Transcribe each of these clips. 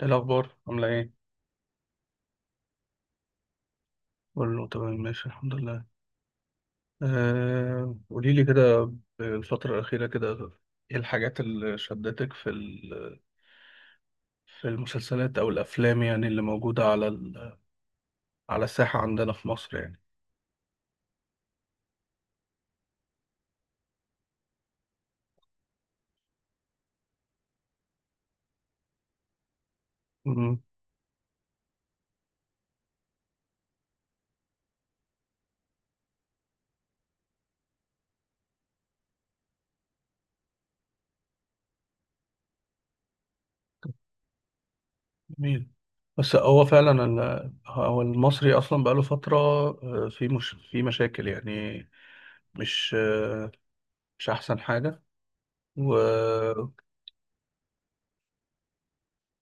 ايه الأخبار عاملة ايه؟ كله تمام، ماشي الحمد لله. قولي لي كده الفترة الأخيرة كده. ايه الحاجات اللي شدتك في المسلسلات أو الأفلام يعني اللي موجودة على الساحة عندنا في مصر يعني. مم، جميل. بس هو فعلا هو المصري أصلا بقاله فترة. في مش في مشاكل يعني. مش آه، مش أحسن حاجة. و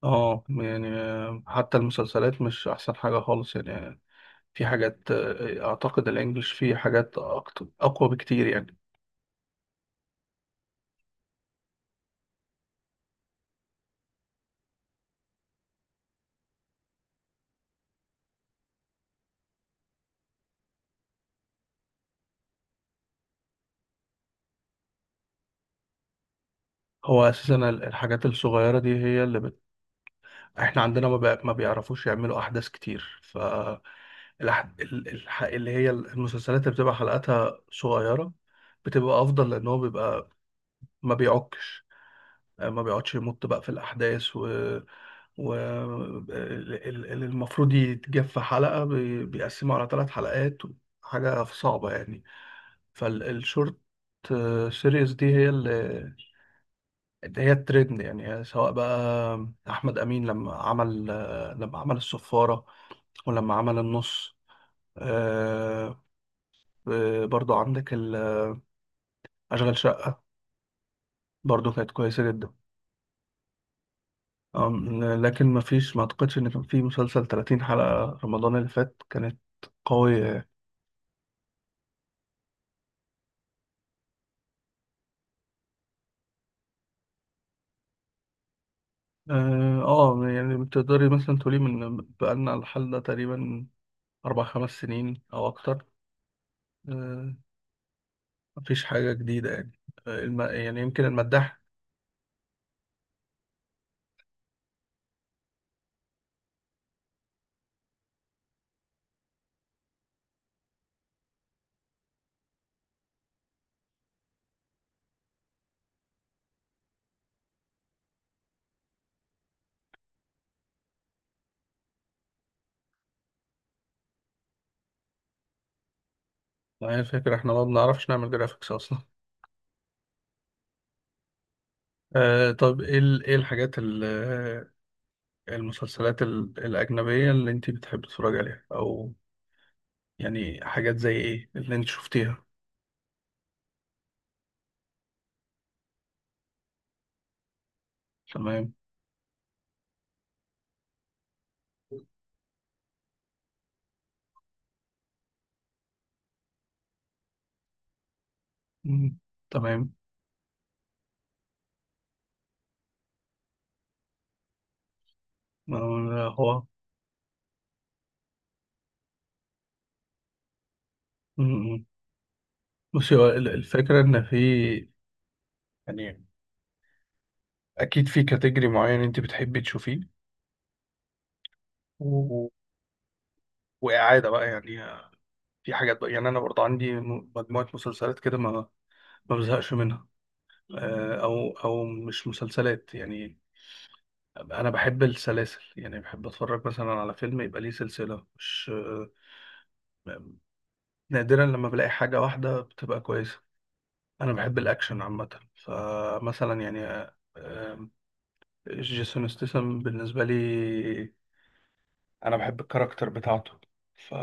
اه يعني، حتى المسلسلات مش أحسن حاجة خالص يعني. في حاجات، اعتقد الانجليش فيه حاجات أكتر، اقوى بكتير يعني. هو اساسا الحاجات الصغيره دي هي اللي احنا عندنا ما بيعرفوش يعملوا احداث كتير. ف اللي هي المسلسلات اللي بتبقى حلقاتها صغيره بتبقى افضل، لان هو بيبقى ما بيعكش، ما بيقعدش يمط بقى في الاحداث. و اللي المفروض يتجاب في حلقه بيقسمه على ثلاث حلقات، حاجه صعبه يعني. فالشورت سيريز دي هي اللي هي الترند يعني. سواء بقى احمد امين لما عمل الصفاره، ولما عمل النص، آه، برضو عندك اشغال شقه، برضو كانت كويسه جدا. لكن ما فيش، ما اعتقدش ان كان في مسلسل 30 حلقه رمضان اللي فات كانت قويه يعني. اه، يعني تقدري مثلا تقولي من بقالنا الحل ده تقريبا اربع خمس سنين او اكتر. آه، مفيش حاجة جديدة يعني. يعني يمكن المداح. يعني الفكرة احنا ما بنعرفش نعمل جرافيكس أصلا. طب ايه الحاجات ال... آه، المسلسلات الأجنبية اللي انت بتحب تتفرج عليها، أو يعني حاجات زي ايه اللي انت شفتيها؟ تمام. مم. تمام. هو. مم، مم. بصي هو الفكرة إن في، يعني أكيد في كاتيجري معين انت بتحبي تشوفيه، و... وإعادة بقى يعني. في حاجات بقى يعني، أنا برضه عندي مجموعة مسلسلات كده ما بزهقش منها. او مش مسلسلات يعني، انا بحب السلاسل يعني، بحب اتفرج مثلا على فيلم يبقى ليه سلسلة. مش، آه، نادرا لما بلاقي حاجة واحدة بتبقى كويسة. انا بحب الاكشن عامة. فمثلا يعني، جيسون ستاثام بالنسبة لي، انا بحب الكاركتر بتاعته. ف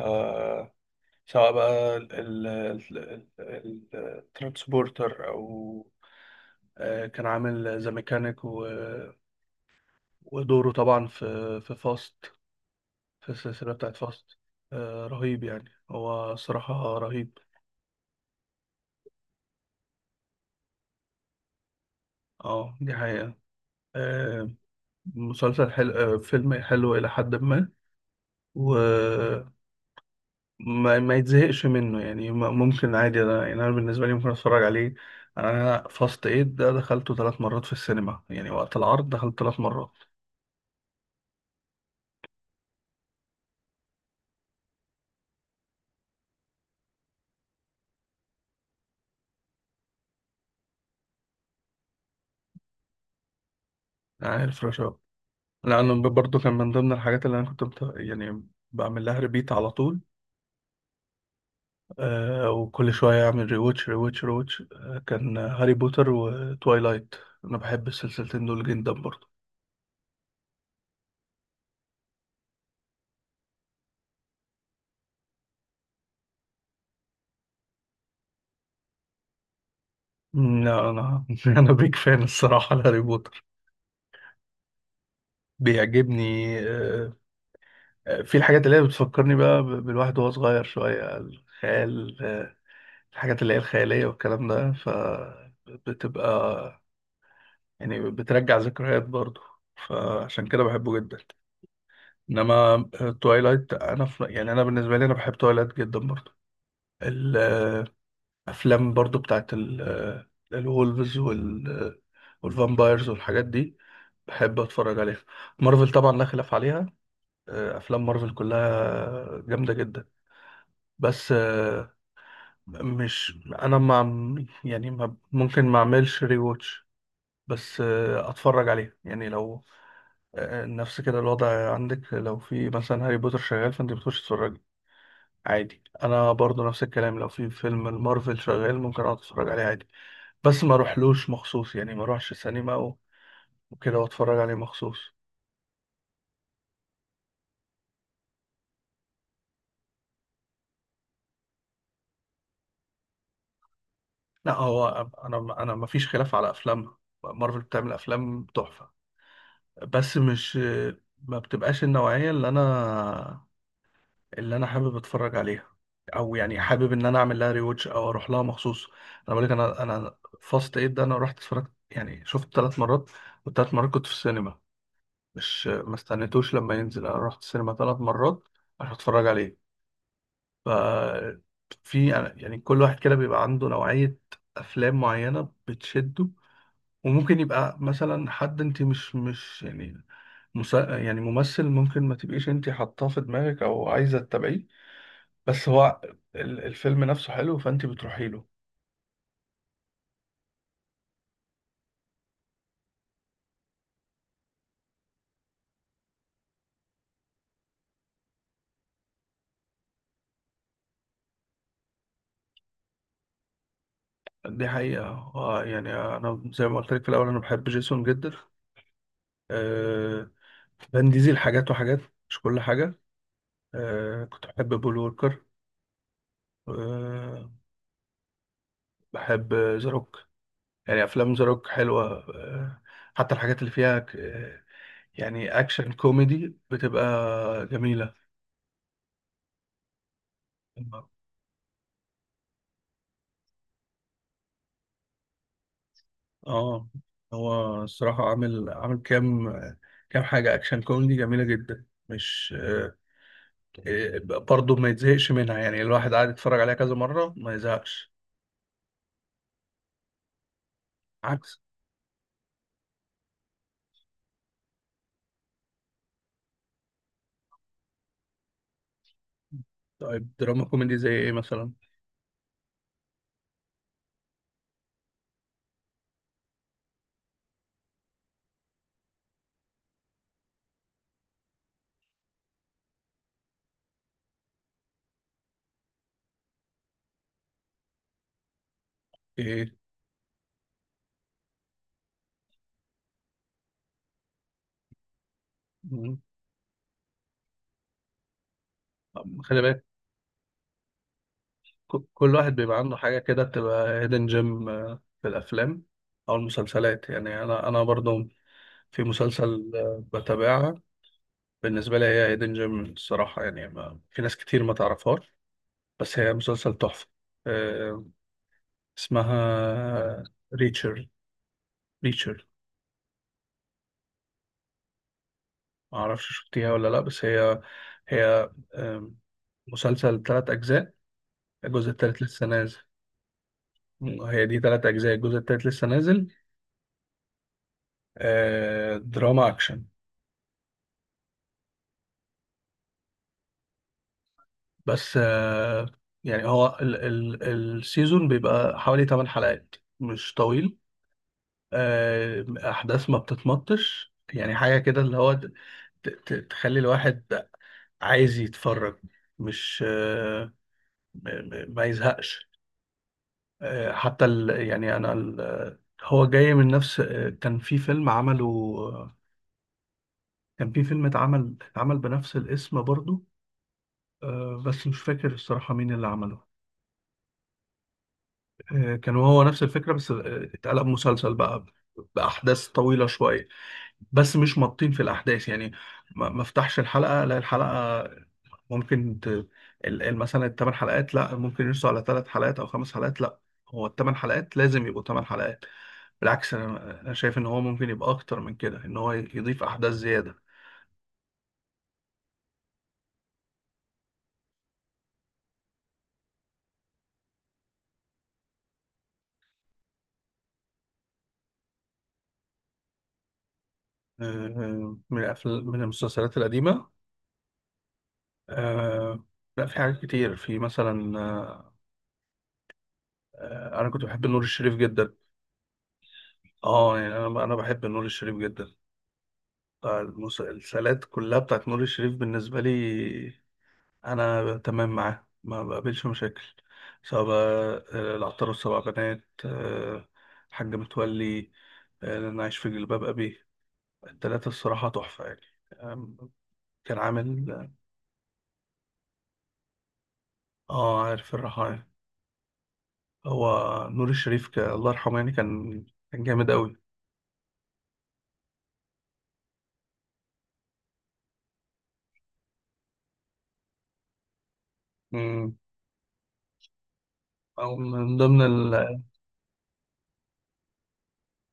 سواء بقى الترانسبورتر، او، كان عامل ذا ميكانيك، ودوره طبعا في فاست، في السلسلة بتاعت فاست. آه، رهيب يعني، هو صراحة رهيب. اه دي حقيقة. آه، مسلسل حلو، آه فيلم حلو إلى حد ما. وما ما ما يتزهقش منه يعني. ممكن عادي أنا، يعني أنا بالنسبة لي ممكن أتفرج عليه. أنا فاست إيد ده دخلته ثلاث مرات في السينما يعني، وقت العرض دخلت ثلاث مرات. يعني الفراشة، لأنه برضه كان من ضمن الحاجات اللي أنا يعني بعمل لها ريبيت على طول. آه، وكل شوية أعمل ريواتش. آه، كان هاري بوتر وتوايلايت، أنا بحب السلسلتين دول جدا برضه. مم. لا، أنا بيك فان الصراحة لهاري بوتر، بيعجبني آه. في الحاجات اللي هي بتفكرني بقى، بالواحد وهو صغير شوية، الخيال آه، الحاجات اللي هي الخيالية والكلام ده، فبتبقى يعني بترجع ذكريات برضه، فعشان كده بحبه جدا. انما توايلايت، انا في يعني بالنسبه لي، بحب توايلايت جدا برضه. افلام برضو بتاعت الولفز، وال والفامبايرز والحاجات دي، بحب اتفرج عليها. مارفل طبعا لا خلاف عليها. افلام مارفل كلها جامده جدا. بس، مش، انا ما عم- يعني ما ممكن ما اعملش ري واتش. بس، اتفرج عليها يعني لو، نفس كده الوضع عندك لو في مثلا هاري بوتر شغال فانت بتخش تتفرج عادي. انا برضو نفس الكلام، لو في فيلم المارفل شغال ممكن اقعد اتفرج عليه عادي، بس ما اروحلوش مخصوص يعني، ما اروحش سينما و- وكده واتفرج عليه مخصوص. لا هو، انا ما فيش خلاف على افلامها، مارفل بتعمل افلام تحفة. بس مش، ما بتبقاش النوعية اللي انا حابب اتفرج عليها، او يعني حابب ان انا اعمل لها ريوتش او اروح لها مخصوص. انا بقول لك، انا فاست ايد ده انا رحت اتفرجت يعني شفت ثلاث مرات، والثلاث مرات كنت في السينما. مش، ما استنيتوش لما ينزل، انا رحت السينما ثلاث مرات عشان اتفرج عليه. ف في يعني، يعني كل واحد كده بيبقى عنده نوعية أفلام معينة بتشده. وممكن يبقى مثلا حد أنت مش يعني، يعني ممثل ممكن ما تبقيش أنت حاطاه في دماغك أو عايزة تتابعيه. بس هو الفيلم نفسه حلو، فأنت بتروحي له. دي حقيقة. هو يعني أنا زي ما قلت لك في الأول، أنا بحب جيسون جدا. آه، فان ديزل حاجات وحاجات، مش كل حاجة. كنت بحب بول ووكر. آه، بحب ذا روك، يعني افلام ذا روك حلوه. آه، حتى الحاجات اللي فيها يعني اكشن كوميدي، بتبقى جميله. اه، هو الصراحه عامل، كام، كام حاجه اكشن كوميدي جميله جدا. مش، برضه ما يتزهقش منها يعني، الواحد قاعد يتفرج عليها كذا مره ما يزهقش. عكس، طيب دراما كوميدي زي ايه مثلا؟ ايه. مم. خلي بالك، كل واحد بيبقى عنده حاجة كده بتبقى هيدن جيم، في الأفلام أو المسلسلات يعني. أنا برضو في مسلسل، بتابعها، بالنسبة لي هي هيدن جيم الصراحة يعني. ما في ناس كتير ما تعرفهاش، بس هي مسلسل تحفة، آه، اسمها ريتشر. ريتشر. معرفش شفتيها ولا لأ. بس هي، هي آه، مسلسل تلات أجزاء، الجزء التالت لسه نازل. هي دي تلات أجزاء، الجزء التالت لسه نازل. دراما أكشن. بس، يعني هو ال ال السيزون بيبقى حوالي 8 حلقات، مش طويل. آه، احداث ما بتتمطش يعني، حاجه كده اللي هو تخلي الواحد عايز يتفرج، مش، م- ما يزهقش. حتى ال، يعني انا ال، هو جاي من نفس، كان في فيلم عمله. آه، كان في فيلم اتعمل بنفس الاسم برضو. بس مش فاكر الصراحه مين اللي عمله. كان هو نفس الفكرة، بس، اتقلب مسلسل بقى بأحداث طويلة شوية، بس مش مطين في الأحداث يعني. ما افتحش الحلقة لا الحلقة، ممكن مثلا الثمان حلقات لا ممكن يرسوا على ثلاث حلقات أو خمس حلقات. لا، هو الثمان حلقات لازم يبقوا ثمان حلقات. بالعكس، أنا شايف إن هو ممكن يبقى أكتر من كده، إن هو يضيف أحداث زيادة. من الأفلام، من المسلسلات القديمة، آه، لا في حاجات كتير، في مثلا، أنا كنت بحب نور الشريف جدا. اه يعني، انا بحب نور الشريف جدا، بتاع المسلسلات كلها بتاعت نور الشريف. بالنسبه لي انا تمام معاه، ما بقابلش مشاكل. سواء بقى، العطار والسبع بنات، حاج متولي، انا عايش في جلباب ابي. التلاتة الصراحه تحفه يعني. آم، كان عامل اه، عارف الرحايا. هو نور الشريف، الله يرحمه يعني، كان كان جامد قوي. مم. أو من ضمن،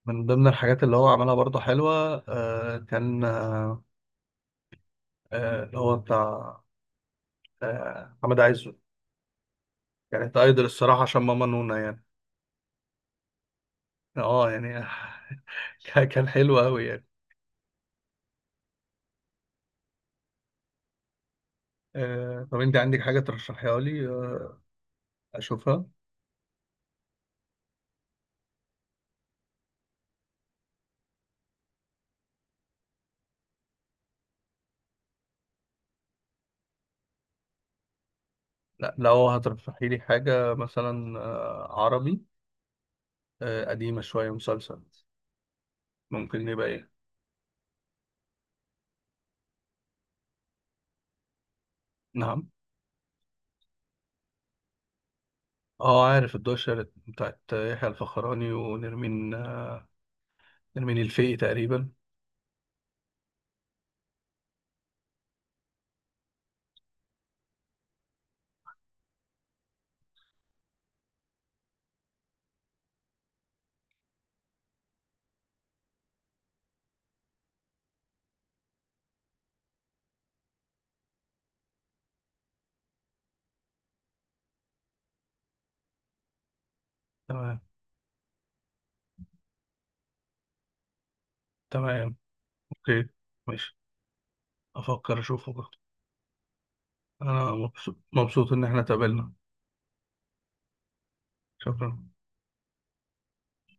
من ضمن الحاجات اللي هو عملها برضه حلوة، آه، كان آه، آه، اللي هو بتاع، محمد عايزه، كانت ايدل الصراحة عشان ماما نونا يعني. اه يعني كان كان حلو قوي يعني. طب انت عندك حاجة ترشحيها لي، اشوفها؟ لا، لو هترشحي لي حاجة مثلا، عربي، قديمة شوية، مسلسل، ممكن يبقى ايه؟ نعم. اه عارف، الدوشة بتاعت يحيى الفخراني ونرمين، نرمين الفقي تقريبا. تمام. تمام. اوكي. ماشي، افكر اشوفه. انا مبسوط، مبسوط ان احنا اتقابلنا. شكرا.